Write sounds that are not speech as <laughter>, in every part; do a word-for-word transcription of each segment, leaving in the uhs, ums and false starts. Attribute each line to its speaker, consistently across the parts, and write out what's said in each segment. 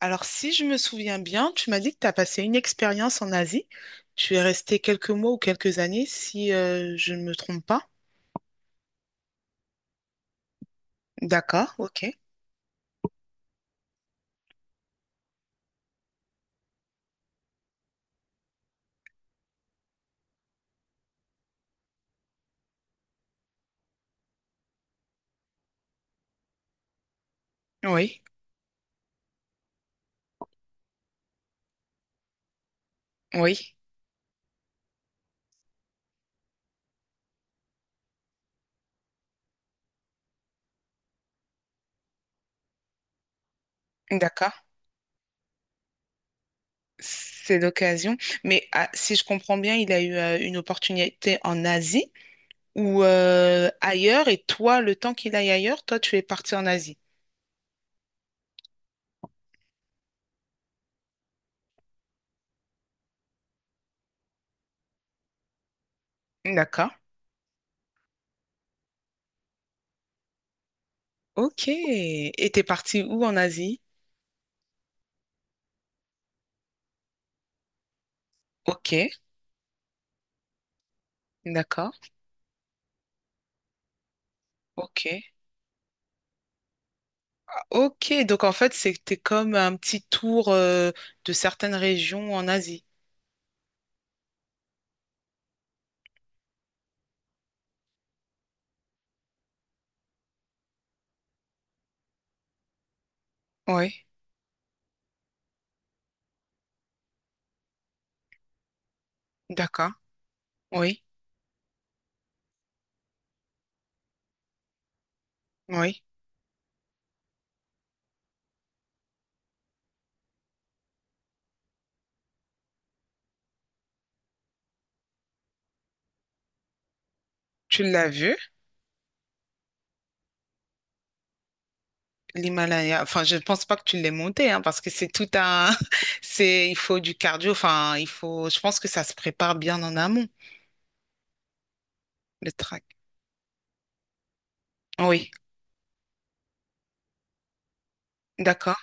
Speaker 1: Alors, si je me souviens bien, tu m'as dit que tu as passé une expérience en Asie. Tu es resté quelques mois ou quelques années, si euh, je ne me trompe pas. D'accord, ok. Oui, oui, d'accord. C'est l'occasion. Mais ah, si je comprends bien, il a eu euh, une opportunité en Asie ou euh, ailleurs, et toi, le temps qu'il aille ailleurs, toi, tu es parti en Asie. D'accord. Ok. Et t'es parti où en Asie? Ok, d'accord. Ok. Ok, donc en fait, c'était comme un petit tour euh, de certaines régions en Asie. Oui, d'accord. Oui, oui. Tu l'as vu, l'Himalaya. Enfin, je ne pense pas que tu l'aies monté, hein, parce que c'est tout un... <laughs> C'est, il faut du cardio. Enfin, il faut... Je pense que ça se prépare bien en amont, le track. Oui, d'accord.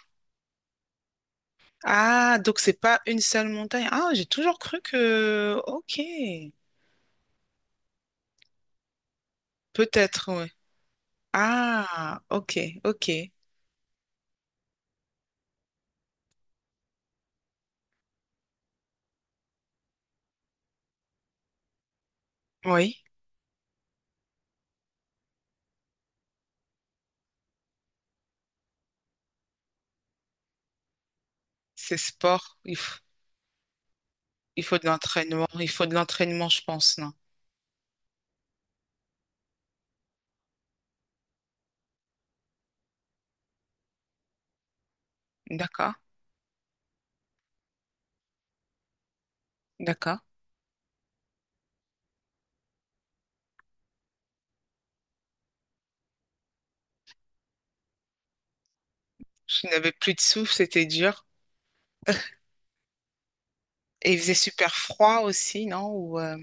Speaker 1: Ah, donc c'est pas une seule montagne. Ah, j'ai toujours cru que... Ok. Peut-être, oui. Ah, ok, ok. Oui, c'est sport. Il faut... Il faut de l'entraînement, il faut de l'entraînement, je pense, non? D'accord, d'accord. Je n'avais plus de souffle, c'était dur. Et il faisait super froid aussi, non? Ou euh,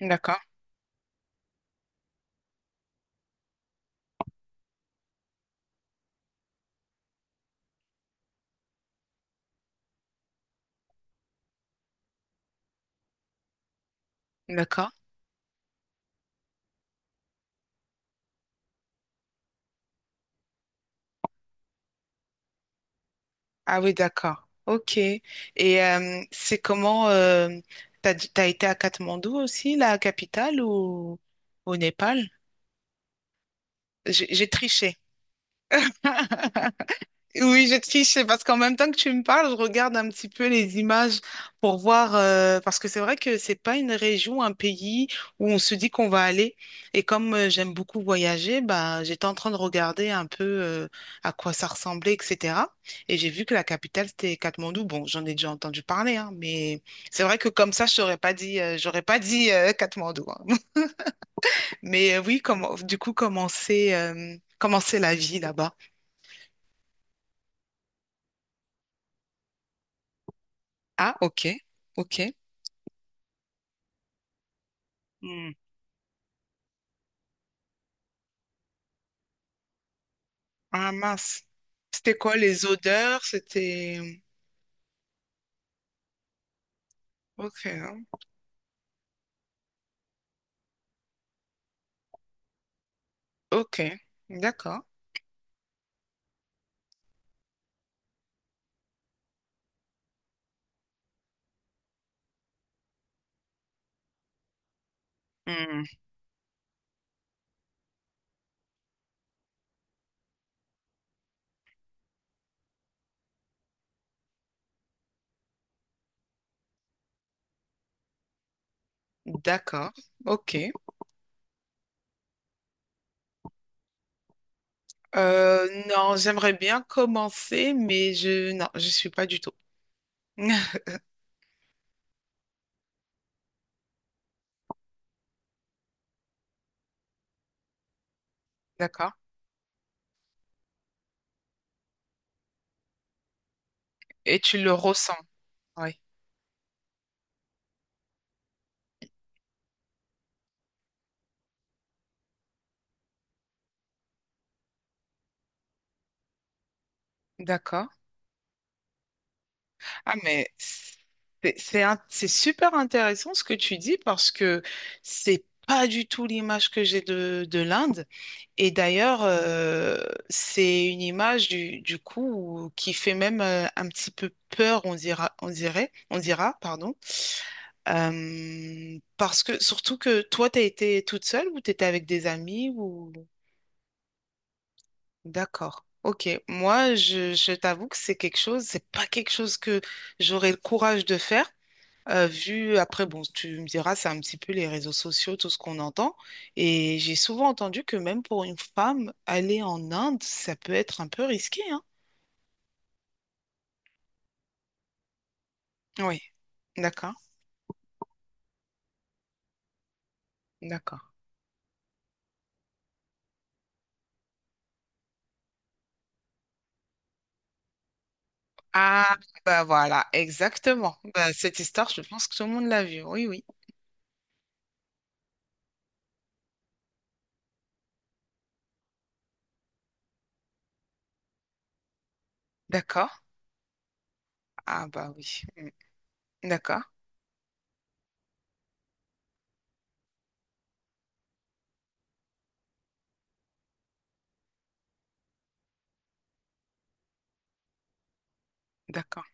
Speaker 1: d'accord, d'accord. Ah oui, d'accord. Ok. Et euh, c'est comment euh, t'as, t'as été à Katmandou aussi, la capitale, ou au Népal? J'ai j'ai triché. <laughs> Oui, je triche, c'est parce qu'en même temps que tu me parles, je regarde un petit peu les images pour voir, euh, parce que c'est vrai que c'est pas une région, un pays où on se dit qu'on va aller. Et comme euh, j'aime beaucoup voyager, bah, j'étais en train de regarder un peu euh, à quoi ça ressemblait, et cetera. Et j'ai vu que la capitale, c'était Katmandou. Bon, j'en ai déjà entendu parler, hein, mais c'est vrai que comme ça, je t'aurais pas dit, euh, j'aurais pas dit euh, Katmandou, hein. <laughs> Mais euh, oui, comment, du coup, comment c'est, euh, comment c'est la vie là-bas? Ah, ok, ok. Ah mince. C'était quoi les odeurs? C'était... Ok, hein. Ok, d'accord. Hmm, d'accord, ok. Euh, non, j'aimerais bien commencer, mais je... Non, je suis pas du tout. <laughs> D'accord. Et tu le ressens. Oui, d'accord. Ah, mais c'est c'est un- c'est super intéressant ce que tu dis parce que c'est pas du tout l'image que j'ai de, de l'Inde. Et d'ailleurs, euh, c'est une image du, du coup où- qui fait même euh, un petit peu peur, on dira, on dirait, on dira, pardon. Euh, parce que surtout que toi, t'as été toute seule ou t'étais avec des amis ou... D'accord. Ok. Moi, je, je t'avoue que c'est quelque chose, c'est pas quelque chose que j'aurais le courage de faire. Euh, vu, après, bon, tu me diras, c'est un petit peu les réseaux sociaux, tout ce qu'on entend. Et j'ai souvent entendu que même pour une femme, aller en Inde, ça peut être un peu risqué, hein? Oui, d'accord, d'accord. Ah, bah voilà, exactement. Bah, cette histoire, je pense que tout le monde l'a vue. Oui, oui, d'accord. Ah, bah oui, Mm. D'accord, d'accord.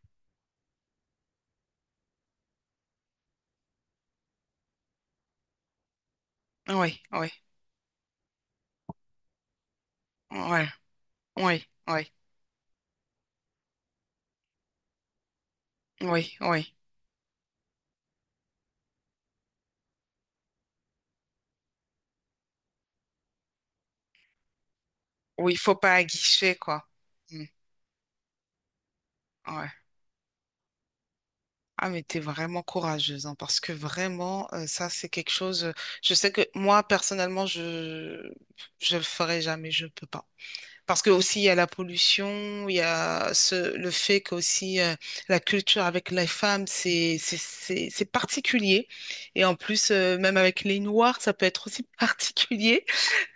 Speaker 1: Oui, oui, ouais, oui, oui, oui, oui. Oui, il faut pas aguicher, quoi. Mm. Ouais. Ah, mais t'es vraiment courageuse, hein, parce que vraiment, euh, ça, c'est quelque chose. Euh, je sais que moi, personnellement, je je le ferai jamais, je peux pas. Parce que aussi, il y a la pollution, il y a ce, le fait qu'aussi euh, la culture avec les femmes, c'est c'est c'est c'est particulier. Et en plus, euh, même avec les Noirs, ça peut être aussi <laughs> particulier,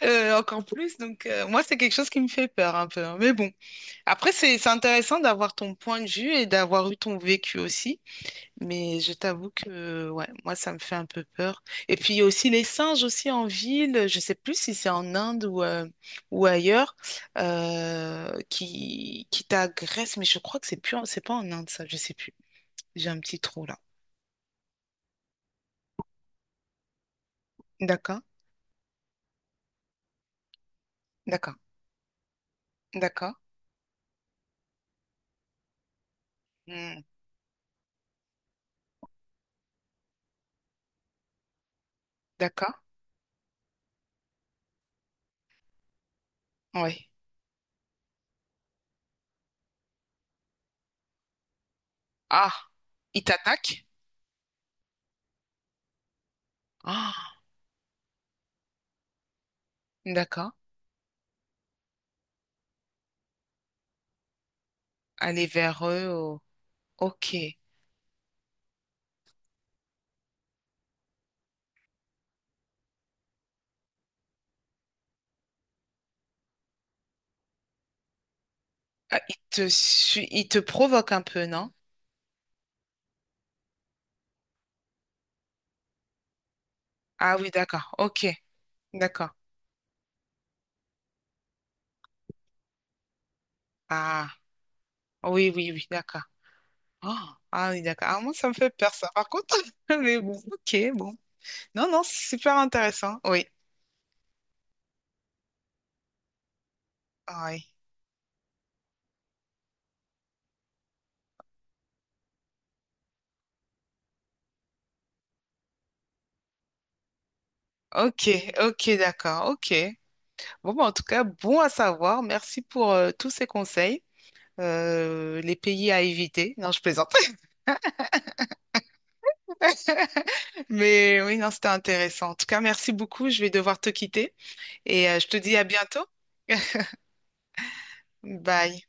Speaker 1: euh, encore plus. Donc, euh, moi, c'est quelque chose qui me fait peur un peu, hein. Mais bon, après, c'est c'est intéressant d'avoir ton point de vue et d'avoir eu ton vécu aussi. Mais je t'avoue que ouais, moi, ça me fait un peu peur. Et puis, il y a aussi les singes aussi en ville, je sais plus si c'est en Inde ou, euh, ou ailleurs, euh, qui, qui t'agressent. Mais je crois que c'est plus, en- c'est pas en Inde, ça, je sais plus. J'ai un petit trou là. D'accord, d'accord, d'accord, Hmm, d'accord, oui. Ah, ils t'attaquent? Ah, d'accord. Aller vers eux, oh, ok. Ah, ils te, su- ils te provoquent un peu, non? Ah oui, d'accord, ok, d'accord. Ah. Oui, oui, oui, d'accord. Oh, ah oui, d'accord. Ah, moi, ça me fait peur, ça, par contre. <laughs> Mais bon, ok, bon. Non, non, c'est super intéressant. Oui, ah oui. Ok, ok, d'accord, ok. Bon, bah, en tout cas, bon à savoir. Merci pour euh, tous ces conseils. Euh, les pays à éviter. Non, je plaisante. <laughs> Mais oui, non, c'était intéressant. En tout cas, merci beaucoup. Je vais devoir te quitter et euh, je te dis à bientôt. <laughs> Bye.